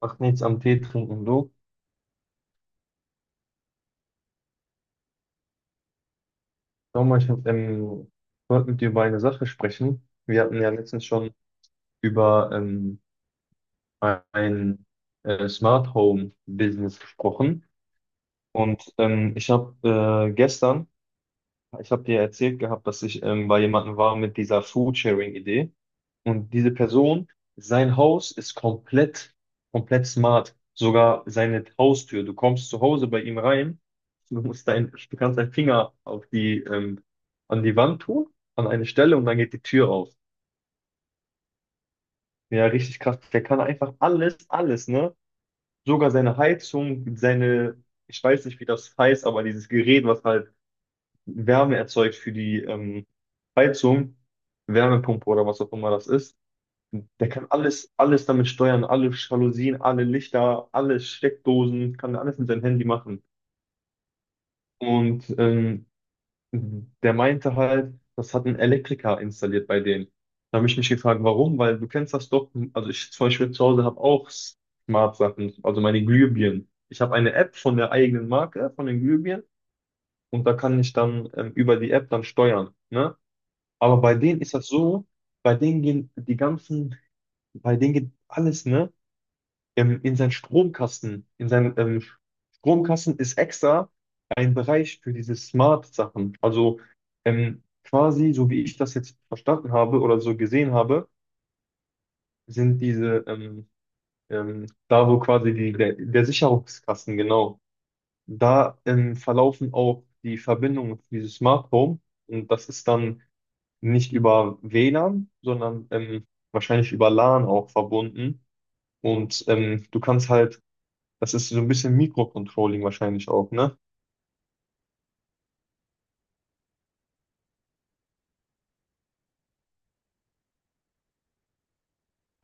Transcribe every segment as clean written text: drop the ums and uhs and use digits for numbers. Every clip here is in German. Macht nichts am Tee trinken, du. Schau mal, ich wollte mit dir über eine Sache sprechen. Wir hatten ja letztens schon über ein Smart Home Business gesprochen. Ich habe gestern, ich habe dir erzählt gehabt, dass ich bei jemandem war mit dieser Food Sharing Idee. Und diese Person, sein Haus ist komplett, komplett smart. Sogar seine Haustür. Du kommst zu Hause bei ihm rein. Du kannst deinen Finger an die Wand tun, an eine Stelle, und dann geht die Tür auf. Ja, richtig krass. Der kann einfach alles, alles, ne? Sogar seine Heizung, seine, ich weiß nicht, wie das heißt, aber dieses Gerät, was halt Wärme erzeugt für die Heizung, Wärmepumpe, oder was auch immer das ist. Der kann alles, alles damit steuern, alle Jalousien, alle Lichter, alle Steckdosen, kann alles mit seinem Handy machen. Und ähm, der meinte halt, das hat ein Elektriker installiert bei denen. Da habe ich mich gefragt, warum? Weil du kennst das doch. Also, ich zum Beispiel zu Hause habe auch Smart-Sachen, also meine Glühbirnen. Ich habe eine App von der eigenen Marke, von den Glühbirnen, und da kann ich dann über die App dann steuern. Ne? Aber bei denen ist das so, bei denen gehen die ganzen, bei denen geht alles, ne? In seinen Stromkasten. In seinem Stromkasten ist extra ein Bereich für diese Smart-Sachen. Also, quasi, so wie ich das jetzt verstanden habe oder so gesehen habe, sind diese da, wo quasi der Sicherungskasten, genau, da verlaufen auch die Verbindungen für dieses Smart Home. Und das ist dann nicht über WLAN, sondern wahrscheinlich über LAN auch verbunden. Du kannst halt. Das ist so ein bisschen Mikrocontrolling wahrscheinlich auch, ne?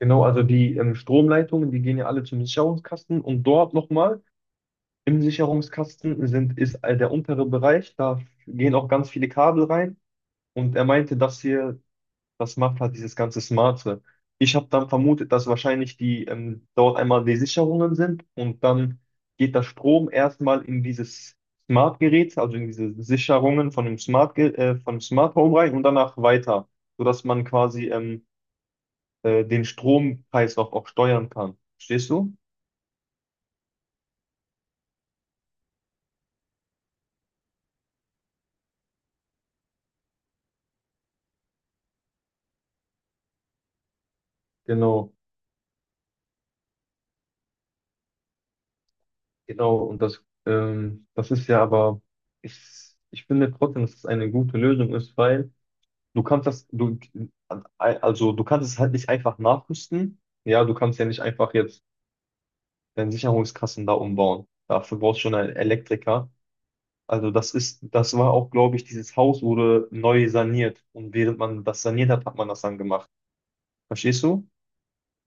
Genau, also die Stromleitungen, die gehen ja alle zum Sicherungskasten, und dort nochmal im Sicherungskasten sind, ist der untere Bereich, da gehen auch ganz viele Kabel rein, und er meinte, dass hier, das macht halt dieses ganze Smarte. Ich habe dann vermutet, dass wahrscheinlich die dort einmal die Sicherungen sind, und dann geht der Strom erstmal in dieses Smart-Gerät, also in diese Sicherungen von dem Smart Home rein und danach weiter, sodass man quasi den Strompreis auch steuern kann. Verstehst du? Genau, genau. Und das ist ja aber, ich, ich finde trotzdem, dass es eine gute Lösung ist, weil du kannst das, also du kannst es halt nicht einfach nachrüsten. Ja, du kannst ja nicht einfach jetzt deine Sicherungskassen da umbauen. Dafür brauchst du schon einen Elektriker. Also das war auch, glaube ich, dieses Haus wurde neu saniert. Und während man das saniert hat, hat man das dann gemacht. Verstehst du?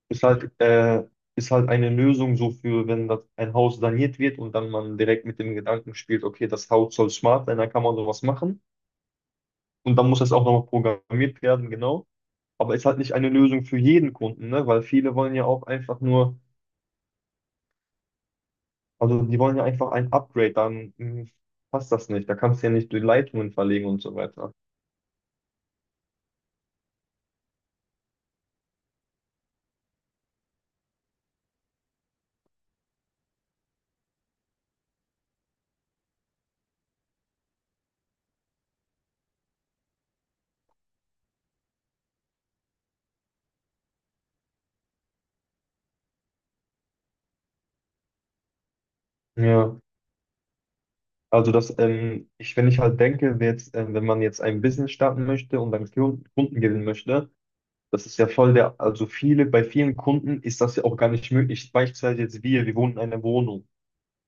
Ist halt, äh, ist halt eine Lösung so für, wenn das ein Haus saniert wird und dann man direkt mit dem Gedanken spielt, okay, das Haus soll smart sein, dann kann man sowas machen. Und dann muss das auch nochmal programmiert werden, genau. Aber ist halt nicht eine Lösung für jeden Kunden, ne? Weil viele wollen ja auch einfach nur, also die wollen ja einfach ein Upgrade, dann passt das nicht. Da kannst du ja nicht die Leitungen verlegen und so weiter. Ja. Also wenn ich halt denke, jetzt, wenn man jetzt ein Business starten möchte und dann Kunden gewinnen möchte. Das ist ja voll der, also viele, bei vielen Kunden ist das ja auch gar nicht möglich. Beispielsweise jetzt wir wohnen in einer Wohnung.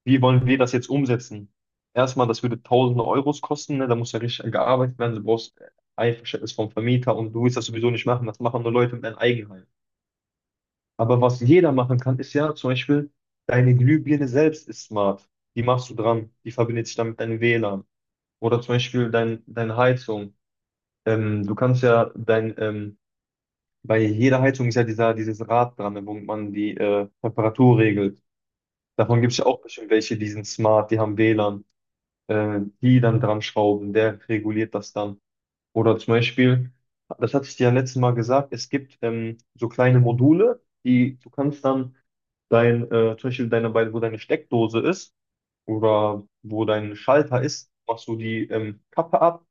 Wie wollen wir das jetzt umsetzen? Erstmal, das würde tausende Euros kosten, ne? Da muss ja richtig gearbeitet werden. Du brauchst Einverständnis vom Vermieter, und du willst das sowieso nicht machen. Das machen nur Leute mit einem Eigenheim. Aber was jeder machen kann, ist ja zum Beispiel, deine Glühbirne selbst ist smart. Die machst du dran. Die verbindet sich dann mit deinem WLAN. Oder zum Beispiel deine Heizung. Du kannst ja dein. Bei jeder Heizung ist ja dieses Rad dran, wo man die Temperatur regelt. Davon gibt es ja auch bestimmt welche, die sind smart, die haben WLAN, die dann dran schrauben, der reguliert das dann. Oder zum Beispiel, das hatte ich dir ja letztes Mal gesagt, es gibt so kleine Module, die du kannst dann zum Beispiel wo deine Steckdose ist oder wo dein Schalter ist, machst du die Kappe ab.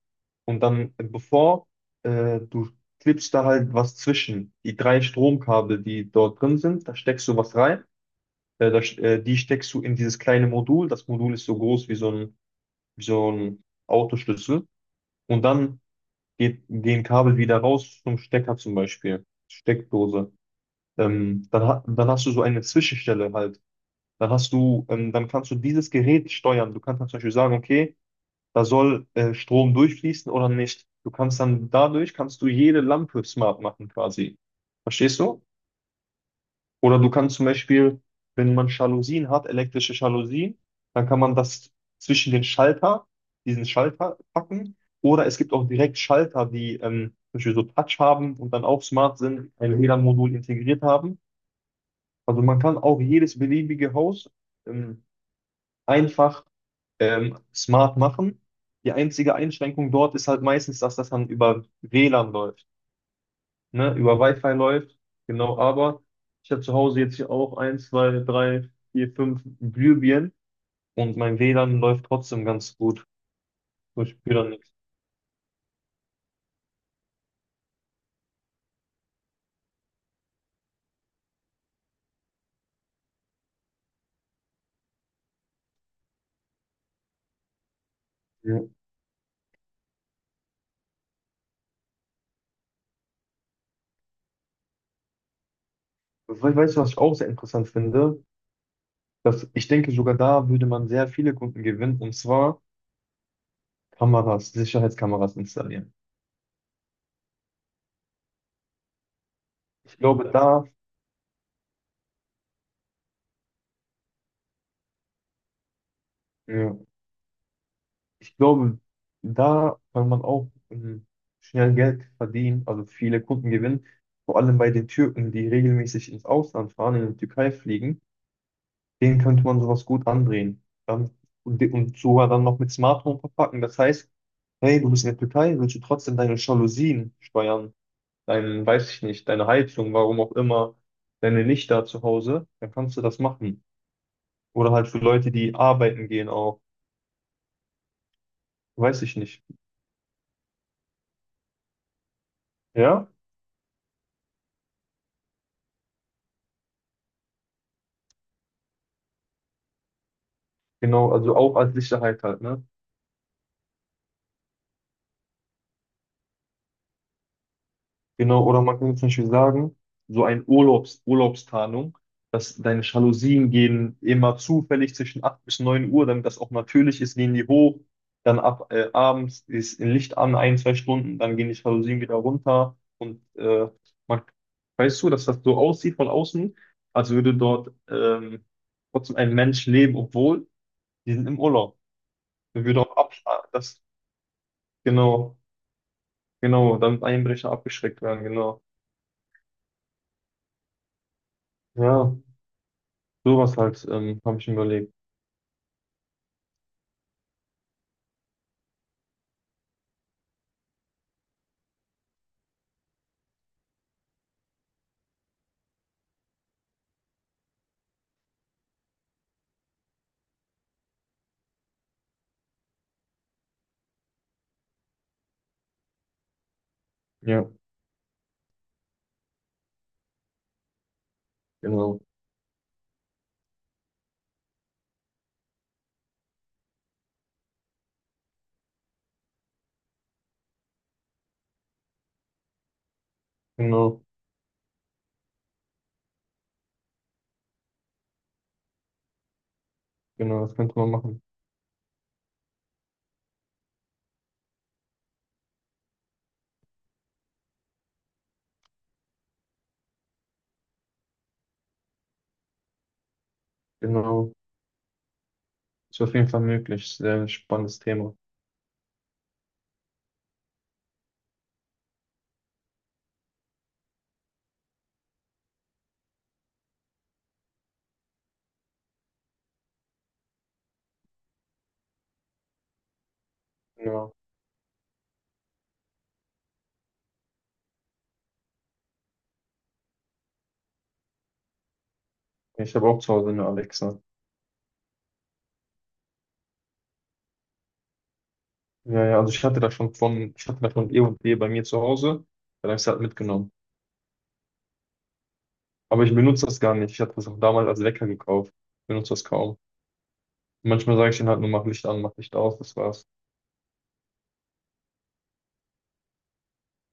Und dann, bevor du klebst da halt was zwischen, die drei Stromkabel, die dort drin sind, da steckst du was rein, die steckst du in dieses kleine Modul. Das Modul ist so groß wie so ein Autoschlüssel, und dann gehen Kabel wieder raus zum Stecker, zum Beispiel Steckdose. Dann hast du so eine Zwischenstelle halt. Dann kannst du dieses Gerät steuern. Du kannst dann zum Beispiel sagen, okay, da soll Strom durchfließen oder nicht. Du kannst dann dadurch kannst du jede Lampe smart machen quasi. Verstehst du? Oder du kannst zum Beispiel, wenn man Jalousien hat, elektrische Jalousien, dann kann man das zwischen diesen Schalter packen. Oder es gibt auch direkt Schalter, die zum Beispiel so Touch haben und dann auch smart sind, ein WLAN-Modul integriert haben. Also man kann auch jedes beliebige Haus ähm, einfach smart machen. Die einzige Einschränkung dort ist halt meistens, dass das dann über WLAN läuft, ne? Über Wi-Fi läuft. Genau, aber ich habe zu Hause jetzt hier auch eins, zwei, drei, vier, fünf Glühbirnen, und mein WLAN läuft trotzdem ganz gut. So, ich spüre da nichts. Ja. We weißt du, was ich auch sehr interessant finde? Dass ich denke, sogar da würde man sehr viele Kunden gewinnen, und zwar Kameras, Sicherheitskameras installieren. Ich glaube, da, ja. Ich glaube, da kann man auch schnell Geld verdienen, also viele Kunden gewinnen. Vor allem bei den Türken, die regelmäßig ins Ausland fahren, in die Türkei fliegen, denen könnte man sowas gut andrehen. Dann, und sogar dann noch mit Smartphone verpacken. Das heißt, hey, du bist in der Türkei, willst du trotzdem deine Jalousien steuern, weiß ich nicht, deine Heizung, warum auch immer, deine Lichter zu Hause, dann kannst du das machen. Oder halt für Leute, die arbeiten gehen auch, weiß ich nicht. Ja? Genau, also auch als Sicherheit halt, ne? Genau, oder man kann zum Beispiel sagen, so ein Urlaubstarnung, dass deine Jalousien gehen immer zufällig zwischen 8 bis 9 Uhr, damit das auch natürlich ist, gehen die hoch, dann ab abends ist ein Licht an, ein, zwei Stunden, dann gehen die Jalousien wieder runter, und man, weißt du, dass das so aussieht von außen, als würde dort trotzdem ein Mensch leben, obwohl die sind im Urlaub. Man würde auch ab, das, Genau. Genau, damit Einbrecher abgeschreckt werden, genau. Ja, sowas halt, habe ich mir überlegt. Ja, genau, genau, genau, das könnte man machen. Genau, ist auf jeden Fall möglich. Sehr spannendes Thema. Ja, ich habe auch zu Hause eine Alexa. Ja, ja, also ich hatte das von E&E bei mir zu Hause, dann habe ich es halt mitgenommen. Aber ich benutze das gar nicht. Ich hatte das auch damals als Wecker gekauft. Benutze das kaum. Manchmal sage ich denen halt nur, mach Licht an, mach Licht aus, das war's.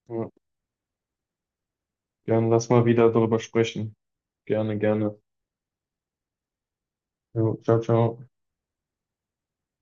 Ja, gerne, lass mal wieder darüber sprechen. Gerne, gerne. Jo, ciao, ciao.